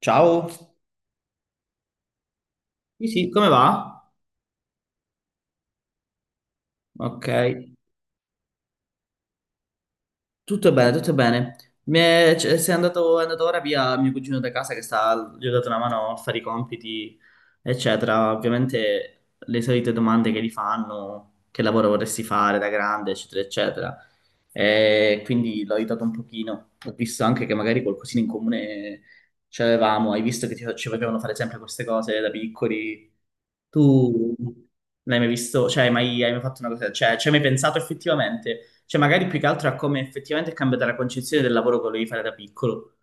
Ciao. Sì, come va? Ok, tutto bene, tutto bene. Se è andato, è andato ora via mio cugino da casa che sta, gli ho dato una mano a fare i compiti, eccetera. Ovviamente le solite domande che gli fanno, che lavoro vorresti fare da grande, eccetera, eccetera. E quindi l'ho aiutato un pochino. Ho visto anche che magari qualcosina in comune ce l'avevamo, hai visto che ci facevano fare sempre queste cose da piccoli. Tu l'hai mai visto? Cioè, hai mai fatto una cosa? Cioè, ci hai mai pensato effettivamente? Cioè, magari più che altro a come effettivamente è cambiata la concezione del lavoro che volevi fare da piccolo,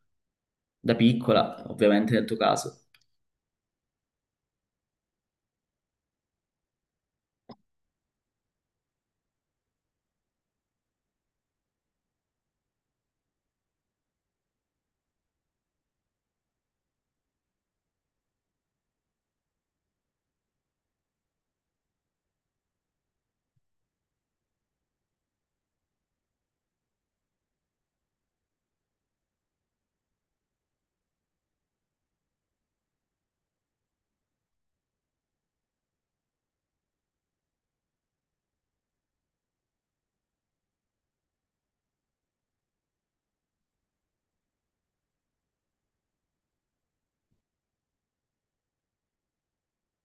da piccola, ovviamente nel tuo caso.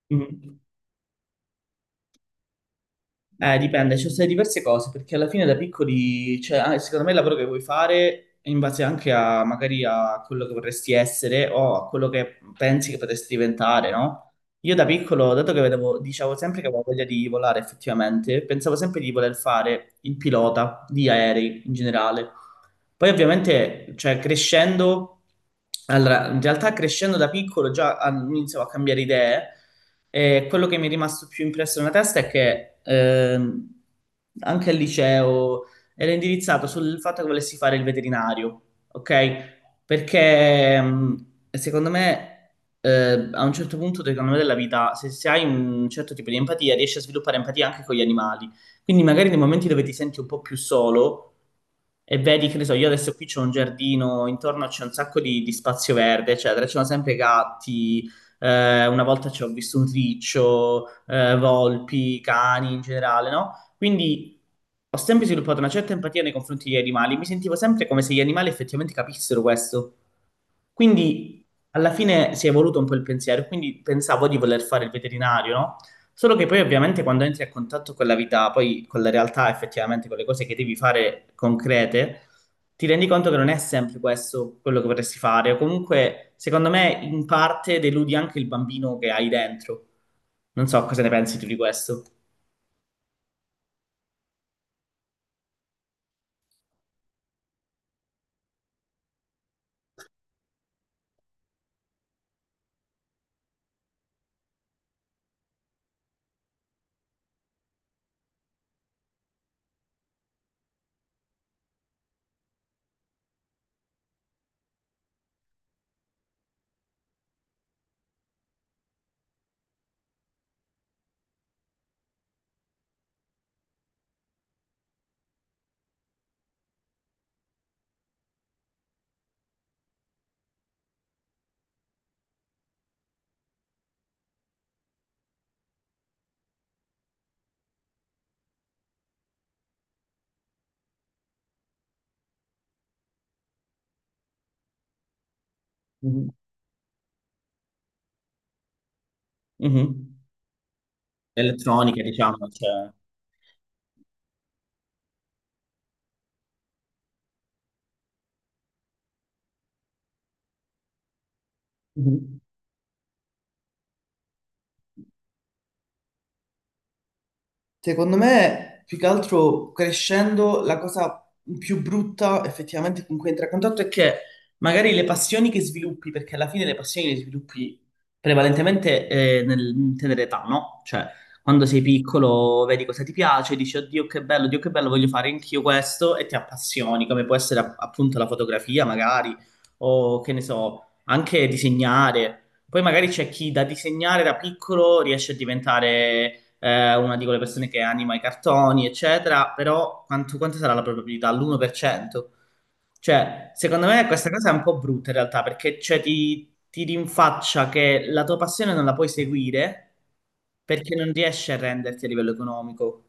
Mhm. Dipende, ci sono state diverse cose, perché alla fine da piccoli, cioè, secondo me il lavoro che vuoi fare è in base anche a magari a quello che vorresti essere o a quello che pensi che potresti diventare, no? Io da piccolo, dato che vedevo, dicevo sempre che avevo voglia di volare effettivamente, pensavo sempre di voler fare il pilota di aerei in generale. Poi ovviamente, cioè, crescendo, allora, in realtà crescendo da piccolo già iniziavo a cambiare idee e quello che mi è rimasto più impresso nella testa è che anche al liceo era indirizzato sul fatto che volessi fare il veterinario, ok? Perché secondo me a un certo punto secondo me, della vita, se hai un certo tipo di empatia, riesci a sviluppare empatia anche con gli animali. Quindi magari nei momenti dove ti senti un po' più solo e vedi, che ne so, io adesso qui c'ho un giardino, intorno c'è un sacco di spazio verde, eccetera, ci sono sempre gatti, una volta ci ho visto un riccio, volpi, cani in generale, no? Quindi ho sempre sviluppato una certa empatia nei confronti degli animali, mi sentivo sempre come se gli animali effettivamente capissero questo. Quindi alla fine si è evoluto un po' il pensiero, quindi pensavo di voler fare il veterinario, no? Solo che poi ovviamente quando entri a contatto con la vita, poi con la realtà, effettivamente con le cose che devi fare concrete, ti rendi conto che non è sempre questo quello che vorresti fare, o comunque, secondo me, in parte deludi anche il bambino che hai dentro. Non so cosa ne pensi tu di questo. Mhm. Mhm. Elettronica, diciamo, cioè. Mhm. Secondo me, più che altro crescendo, la cosa più brutta effettivamente con cui entra a contatto è che magari le passioni che sviluppi, perché alla fine le passioni le sviluppi prevalentemente nel in tenera età, no? Cioè, quando sei piccolo vedi cosa ti piace, dici, oddio che bello, Dio che bello, voglio fare anch'io questo e ti appassioni, come può essere appunto la fotografia magari, o che ne so, anche disegnare. Poi magari c'è chi da disegnare da piccolo riesce a diventare una di quelle persone che anima i cartoni, eccetera, però quanta sarà la probabilità? L'1%? Cioè, secondo me questa cosa è un po' brutta in realtà, perché cioè, ti rinfaccia che la tua passione non la puoi seguire perché non riesci a renderti a livello economico.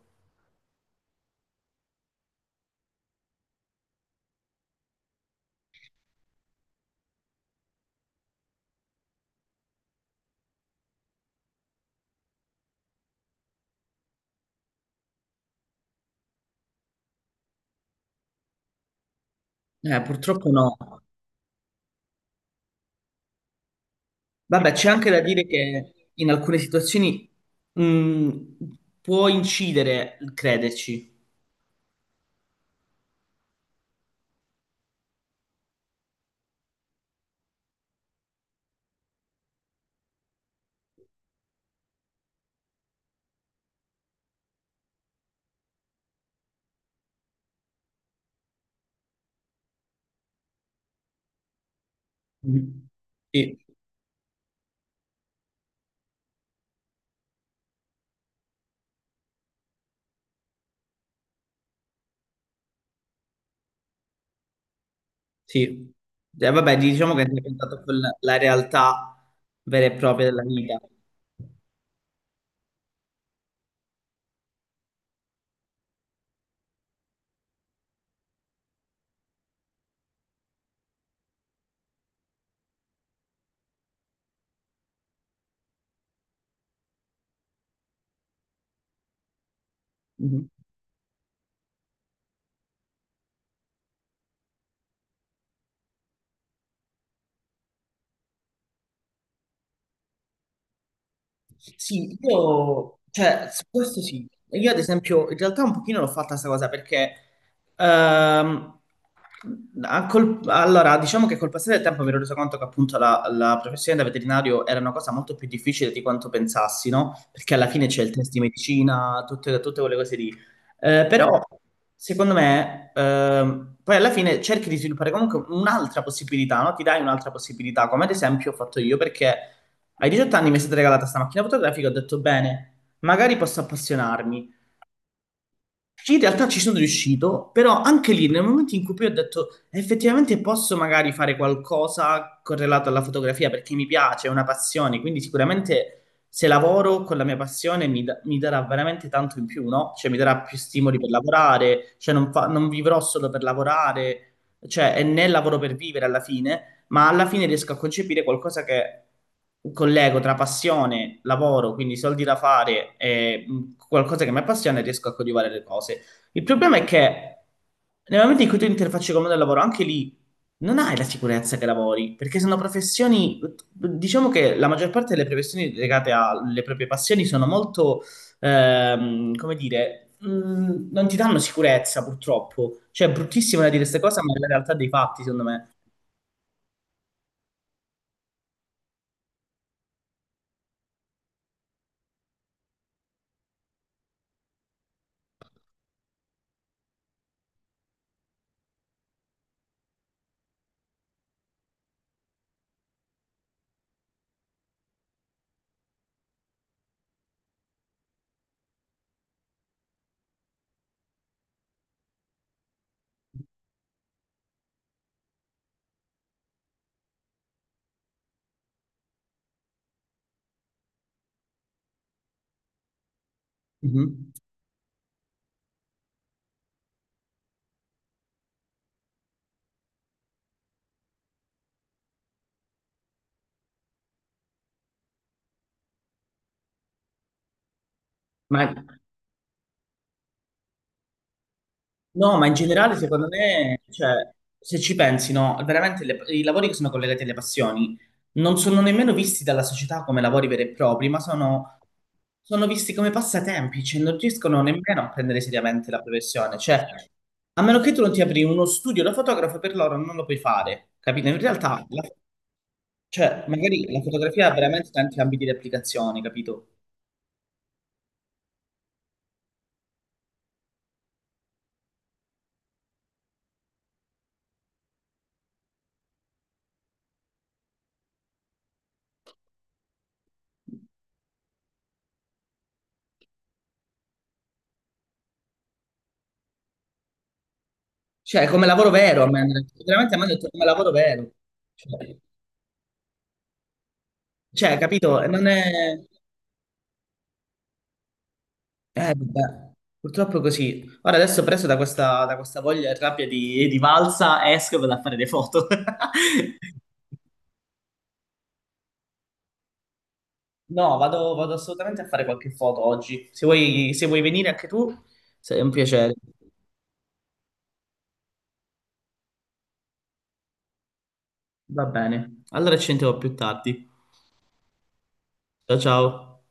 Purtroppo no. Vabbè, c'è anche da dire che in alcune situazioni mh, può incidere il crederci. Mhm. Sì, sì. Vabbè, diciamo che è contatto con la realtà vera e propria della vita. Mhm. Sì, io, cioè, su questo sì. Io ad esempio, in realtà un pochino l'ho fatta questa cosa perché, ehm, allora, diciamo che col passare del tempo mi ero reso conto che appunto la professione da veterinario era una cosa molto più difficile di quanto pensassi, no? Perché alla fine c'è il test di medicina, tutte quelle cose lì. Però, secondo me, poi alla fine cerchi di sviluppare comunque un'altra possibilità, no? Ti dai un'altra possibilità, come ad esempio ho fatto io perché... Ai 18 anni mi è stata regalata questa macchina fotografica, ho detto bene, magari posso appassionarmi. Sì, in realtà ci sono riuscito, però anche lì nel momento in cui poi ho detto effettivamente posso magari fare qualcosa correlato alla fotografia perché mi piace, è una passione, quindi sicuramente se lavoro con la mia passione mi darà veramente tanto in più, no? Cioè mi darà più stimoli per lavorare, cioè non vivrò solo per lavorare, cioè è nel lavoro per vivere alla fine ma alla fine riesco a concepire qualcosa che collego tra passione, lavoro, quindi soldi da fare e qualcosa che mi appassiona e riesco a coltivare le cose. Il problema è che nel momento in cui tu interfacci con il mondo del lavoro, anche lì non hai la sicurezza che lavori, perché sono professioni, diciamo che la maggior parte delle professioni legate alle proprie passioni sono molto, come dire, non ti danno sicurezza purtroppo. Cioè, è bruttissimo da dire queste cose, ma è la realtà dei fatti, secondo me. Mhm. Ma, no, ma in generale, secondo me, cioè, se ci pensi, no, veramente i lavori che sono collegati alle passioni non sono nemmeno visti dalla società come lavori veri e propri, ma sono, sono visti come passatempi, cioè non riescono nemmeno a prendere seriamente la professione. Cioè, a meno che tu non ti apri uno studio da fotografo, per loro non lo puoi fare, capito? In realtà, la- cioè, magari la fotografia ha veramente tanti ambiti di applicazione, capito? Cioè, come lavoro vero, veramente a me hanno detto come lavoro vero. Cioè, Cioè, capito? Non è... vabbè. Purtroppo è così. Ora adesso preso da questa voglia e rabbia di valsa, esco e vado a fare le foto. No, vado assolutamente a fare qualche foto oggi. Se vuoi, se vuoi venire anche tu, sei un piacere. Va bene. Allora ci sentiamo più tardi. Ciao ciao.